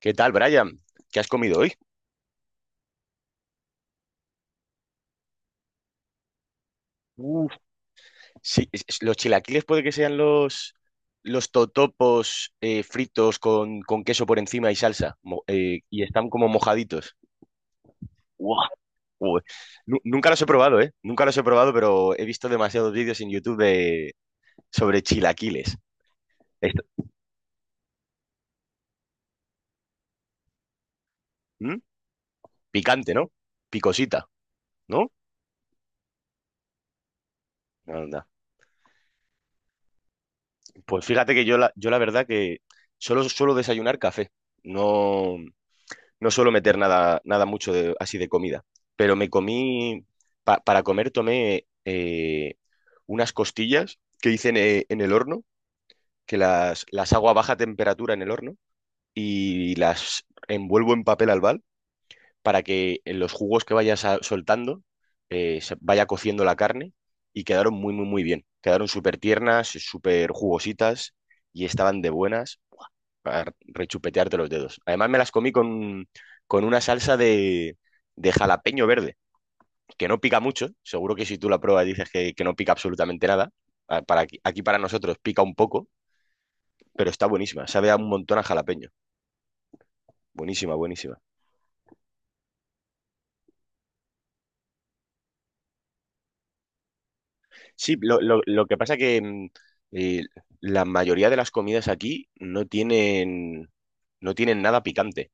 ¿Qué tal, Brian? ¿Qué has comido hoy? Uf, sí, los chilaquiles puede que sean los totopos, fritos con queso por encima y salsa, y están como mojaditos. ¡Guau! Joder. Nunca los he probado, ¿eh? Nunca los he probado, pero he visto demasiados vídeos en YouTube, sobre chilaquiles. Esto- ¿Mm? Picante, ¿no? Picosita, ¿no? Anda. Pues fíjate que yo la verdad que solo suelo desayunar café. No. No suelo meter nada, así de comida, pero me comí, para comer tomé, unas costillas que hice en el horno, que las hago a baja temperatura en el horno y las envuelvo en papel albal para que en los jugos que soltando, se vaya cociendo la carne y quedaron muy, muy, muy bien. Quedaron súper tiernas, súper jugositas y estaban de buenas para rechupetearte los dedos. Además, me las comí con una salsa de jalapeño verde, que no pica mucho. Seguro que si tú la pruebas dices que no pica absolutamente nada. Para aquí, para nosotros pica un poco, pero está buenísima. Sabe a un montón a jalapeño. Buenísima, buenísima. Sí, lo que pasa que eh, la mayoría de las comidas aquí no tienen nada picante.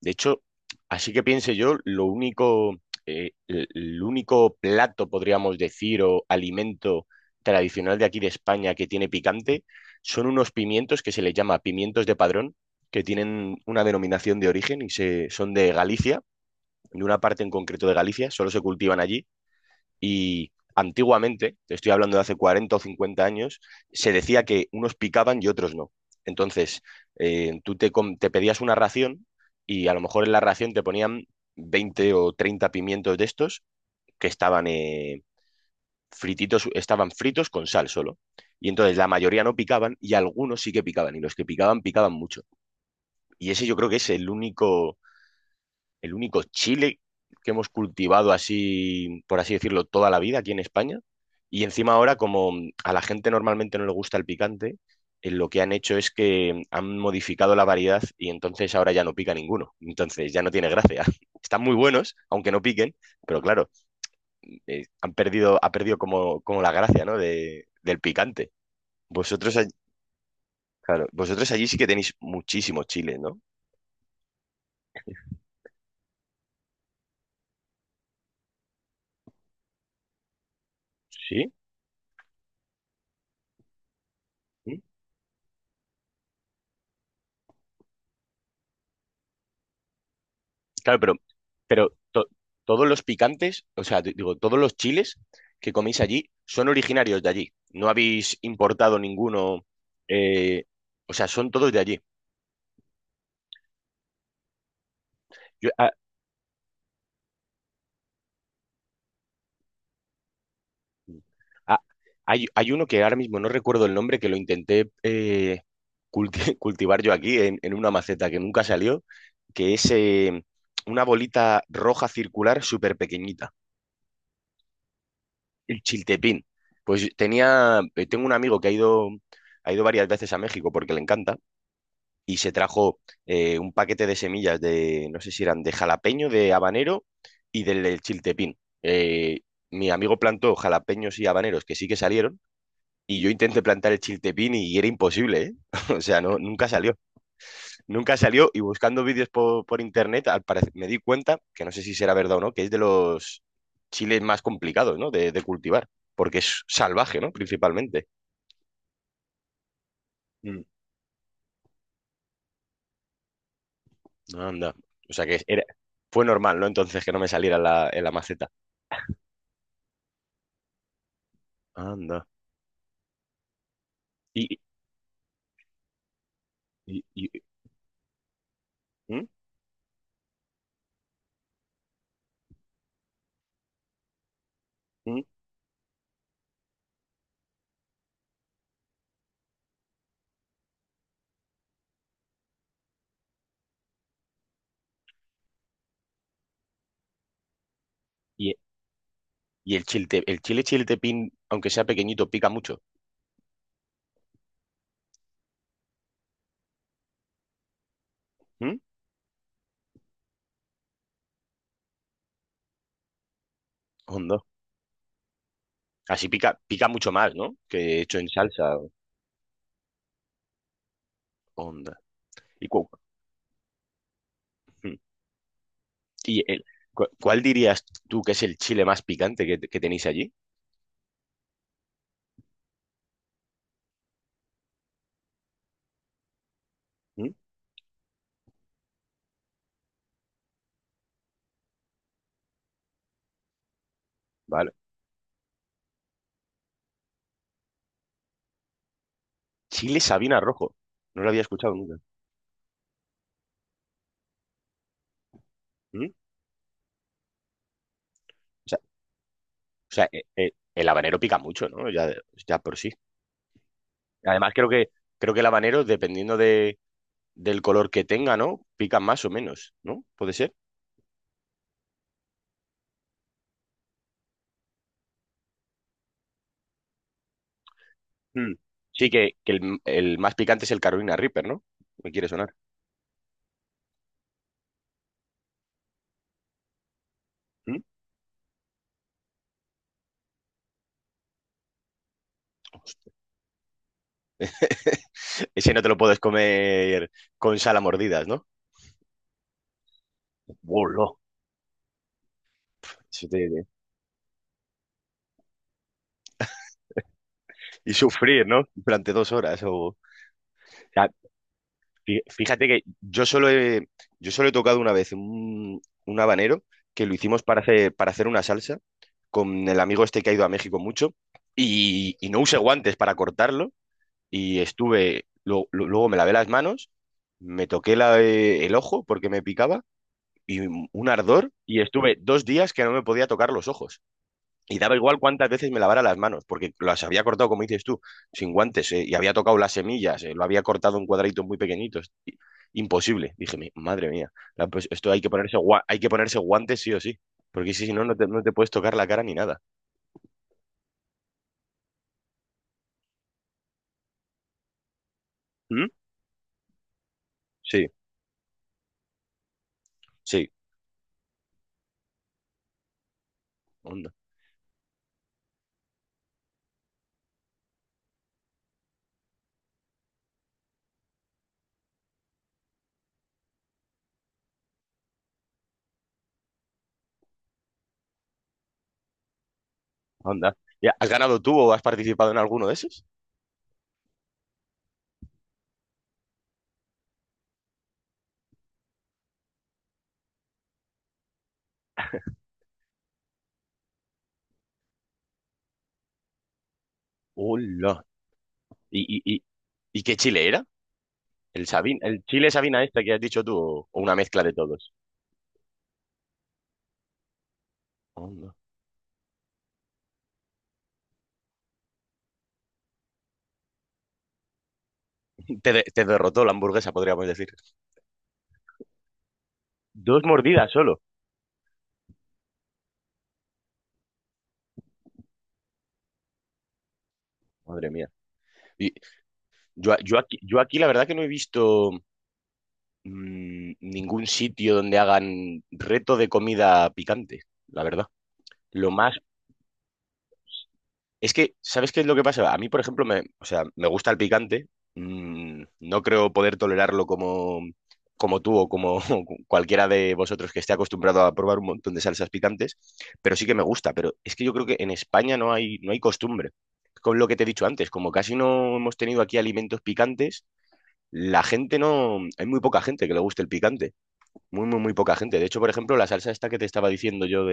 De hecho, así que piense yo, lo único, el único plato, podríamos decir, o alimento tradicional de aquí de España que tiene picante, son unos pimientos que se les llama pimientos de Padrón, que tienen una denominación de origen son de Galicia, de una parte en concreto de Galicia, solo se cultivan allí. Y antiguamente, te estoy hablando de hace 40 o 50 años, se decía que unos picaban y otros no. Entonces, te pedías una ración y a lo mejor en la ración te ponían 20 o 30 pimientos de estos que estaban, frititos, estaban fritos con sal solo. Y entonces la mayoría no picaban y algunos sí que picaban y los que picaban picaban mucho. Y ese yo creo que es el único chile que hemos cultivado así, por así decirlo, toda la vida aquí en España. Y encima ahora, como a la gente normalmente no le gusta el picante, lo que han hecho es que han modificado la variedad y entonces ahora ya no pica ninguno. Entonces ya no tiene gracia. Están muy buenos, aunque no piquen, pero claro, ha perdido como, como la gracia, ¿no? Del picante. Vosotros, all- claro, vosotros allí sí que tenéis muchísimos chiles, ¿no? Sí. Claro, pero to- todos los picantes, o sea, digo, todos los chiles que coméis allí son originarios de allí. No habéis importado ninguno, eh, o sea, son todos de allí. Yo- ah, ah, hay uno que ahora mismo no recuerdo el nombre, que lo intenté, cultivar yo aquí en una maceta que nunca salió, que es, una bolita roja circular súper pequeñita. El chiltepín. Tengo un amigo que ha ido varias veces a México porque le encanta y se trajo, un paquete de semillas de, no sé si eran de jalapeño, de habanero y del chiltepín. Mi amigo plantó jalapeños y habaneros que sí que salieron y yo intenté plantar el chiltepín y era imposible, ¿eh? O sea, no, nunca salió, y buscando vídeos por internet, al parecer, me di cuenta, que no sé si será verdad o no, que es de los chiles más complicados, ¿no? De cultivar, porque es salvaje, ¿no? Principalmente. Mm. Anda. O sea que era, Fue normal, ¿no? Entonces que no me saliera en la maceta. Anda. Y, y, y, ¿Mm? ¿Mm? y- el chile chiltepín, aunque sea pequeñito, pica mucho. ¿Mm? Onda. Así pica mucho más, ¿no? Que hecho en salsa. Onda. ¿Y cu- ¿Mm? ¿Y el- ¿Cuál dirías tú que es el chile más picante que tenéis allí? ¿Mm? Vale. Chile Sabina Rojo. No lo había escuchado nunca. ¿Mm? Sea, o sea, el habanero pica mucho, ¿no? Ya, ya por sí. Además, creo que el habanero, dependiendo del color que tenga, ¿no? Pica más o menos, ¿no? ¿Puede ser? Mm. Sí, que el más picante es el Carolina Reaper, ¿no? Me quiere sonar. ¿Mm? Ese no te lo puedes comer con sal a mordidas, ¿no? Bolo. Y sufrir, ¿no? Durante 2 horas. Sea, Fíjate que yo solo he tocado una vez un habanero que lo hicimos para hacer una salsa con el amigo este que ha ido a México mucho y no usé guantes para cortarlo y estuve, luego me lavé las manos, me toqué el ojo porque me picaba y un ardor y estuve 2 días que no me podía tocar los ojos. Y daba igual cuántas veces me lavara las manos, porque las había cortado, como dices tú, sin guantes, y había tocado las semillas, lo había cortado en cuadraditos muy pequeñitos. Imposible. Dije: Madre mía, pues esto hay que hay que ponerse guantes sí o sí, porque si no, no te puedes tocar la cara ni nada". ¿Mm? Sí, sí, onda, onda. Ya, ¿has ganado tú o has participado en alguno de esos? Hola. ¿Y, y, y, y qué chile era? ¿El chile Sabina este que has dicho tú o una mezcla de todos? Onda. Te derrotó la hamburguesa, podríamos decir. Dos mordidas solo. Madre mía. Y yo aquí la verdad que no he visto, ningún sitio donde hagan reto de comida picante, la verdad. Lo más Es que, ¿sabes qué es lo que pasa? A mí, por ejemplo, o sea, me gusta el picante. No creo poder tolerarlo como, como tú o como cualquiera de vosotros que esté acostumbrado a probar un montón de salsas picantes, pero sí que me gusta. Pero es que yo creo que en España no hay costumbre. Con lo que te he dicho antes, como casi no hemos tenido aquí alimentos picantes, la gente no. Hay muy poca gente que le guste el picante. Muy, muy, muy poca gente. De hecho, por ejemplo, la salsa esta que te estaba diciendo yo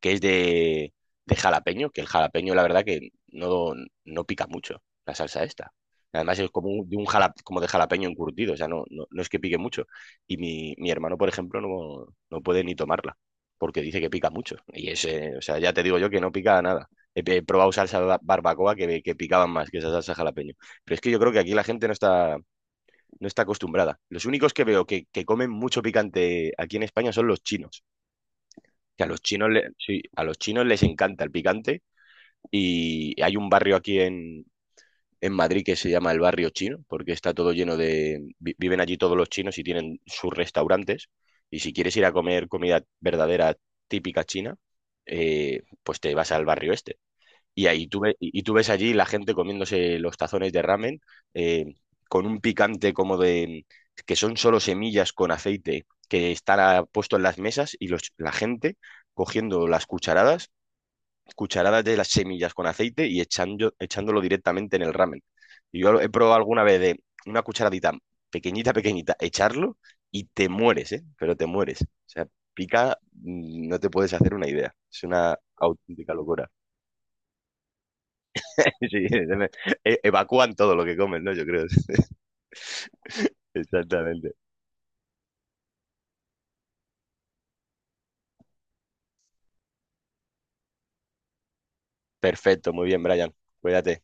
que es de jalapeño, que el jalapeño la verdad que no pica mucho la salsa esta. Además es como como de jalapeño encurtido, o sea, no es que pique mucho. Y mi hermano, por ejemplo, no puede ni tomarla, porque dice que pica mucho. Y ese, o sea, ya te digo yo que no pica nada. He probado salsa barbacoa que picaban más que esa salsa jalapeño. Pero es que yo creo que aquí la gente no está acostumbrada. Los únicos que veo que comen mucho picante aquí en España son los chinos que a los chinos, le- sí, a los chinos les encanta el picante y hay un barrio aquí en Madrid que se llama el barrio chino, porque está todo lleno de… Viven allí todos los chinos y tienen sus restaurantes y si quieres ir a comer comida verdadera típica china, pues te vas al barrio este. Y y tú ves allí la gente comiéndose los tazones de ramen, eh, con un picante como de que son solo semillas con aceite que están, puesto en las mesas y la gente cogiendo las cucharadas, cucharadas de las semillas con aceite y echándolo directamente en el ramen. Y yo he probado alguna vez de una cucharadita pequeñita, pequeñita, echarlo y te mueres, ¿eh? Pero te mueres. O sea, pica, no te puedes hacer una idea. Es una auténtica locura. Sí, sí, evacúan todo lo que comen, ¿no? Yo creo. Exactamente. Perfecto, muy bien, Brian. Cuídate.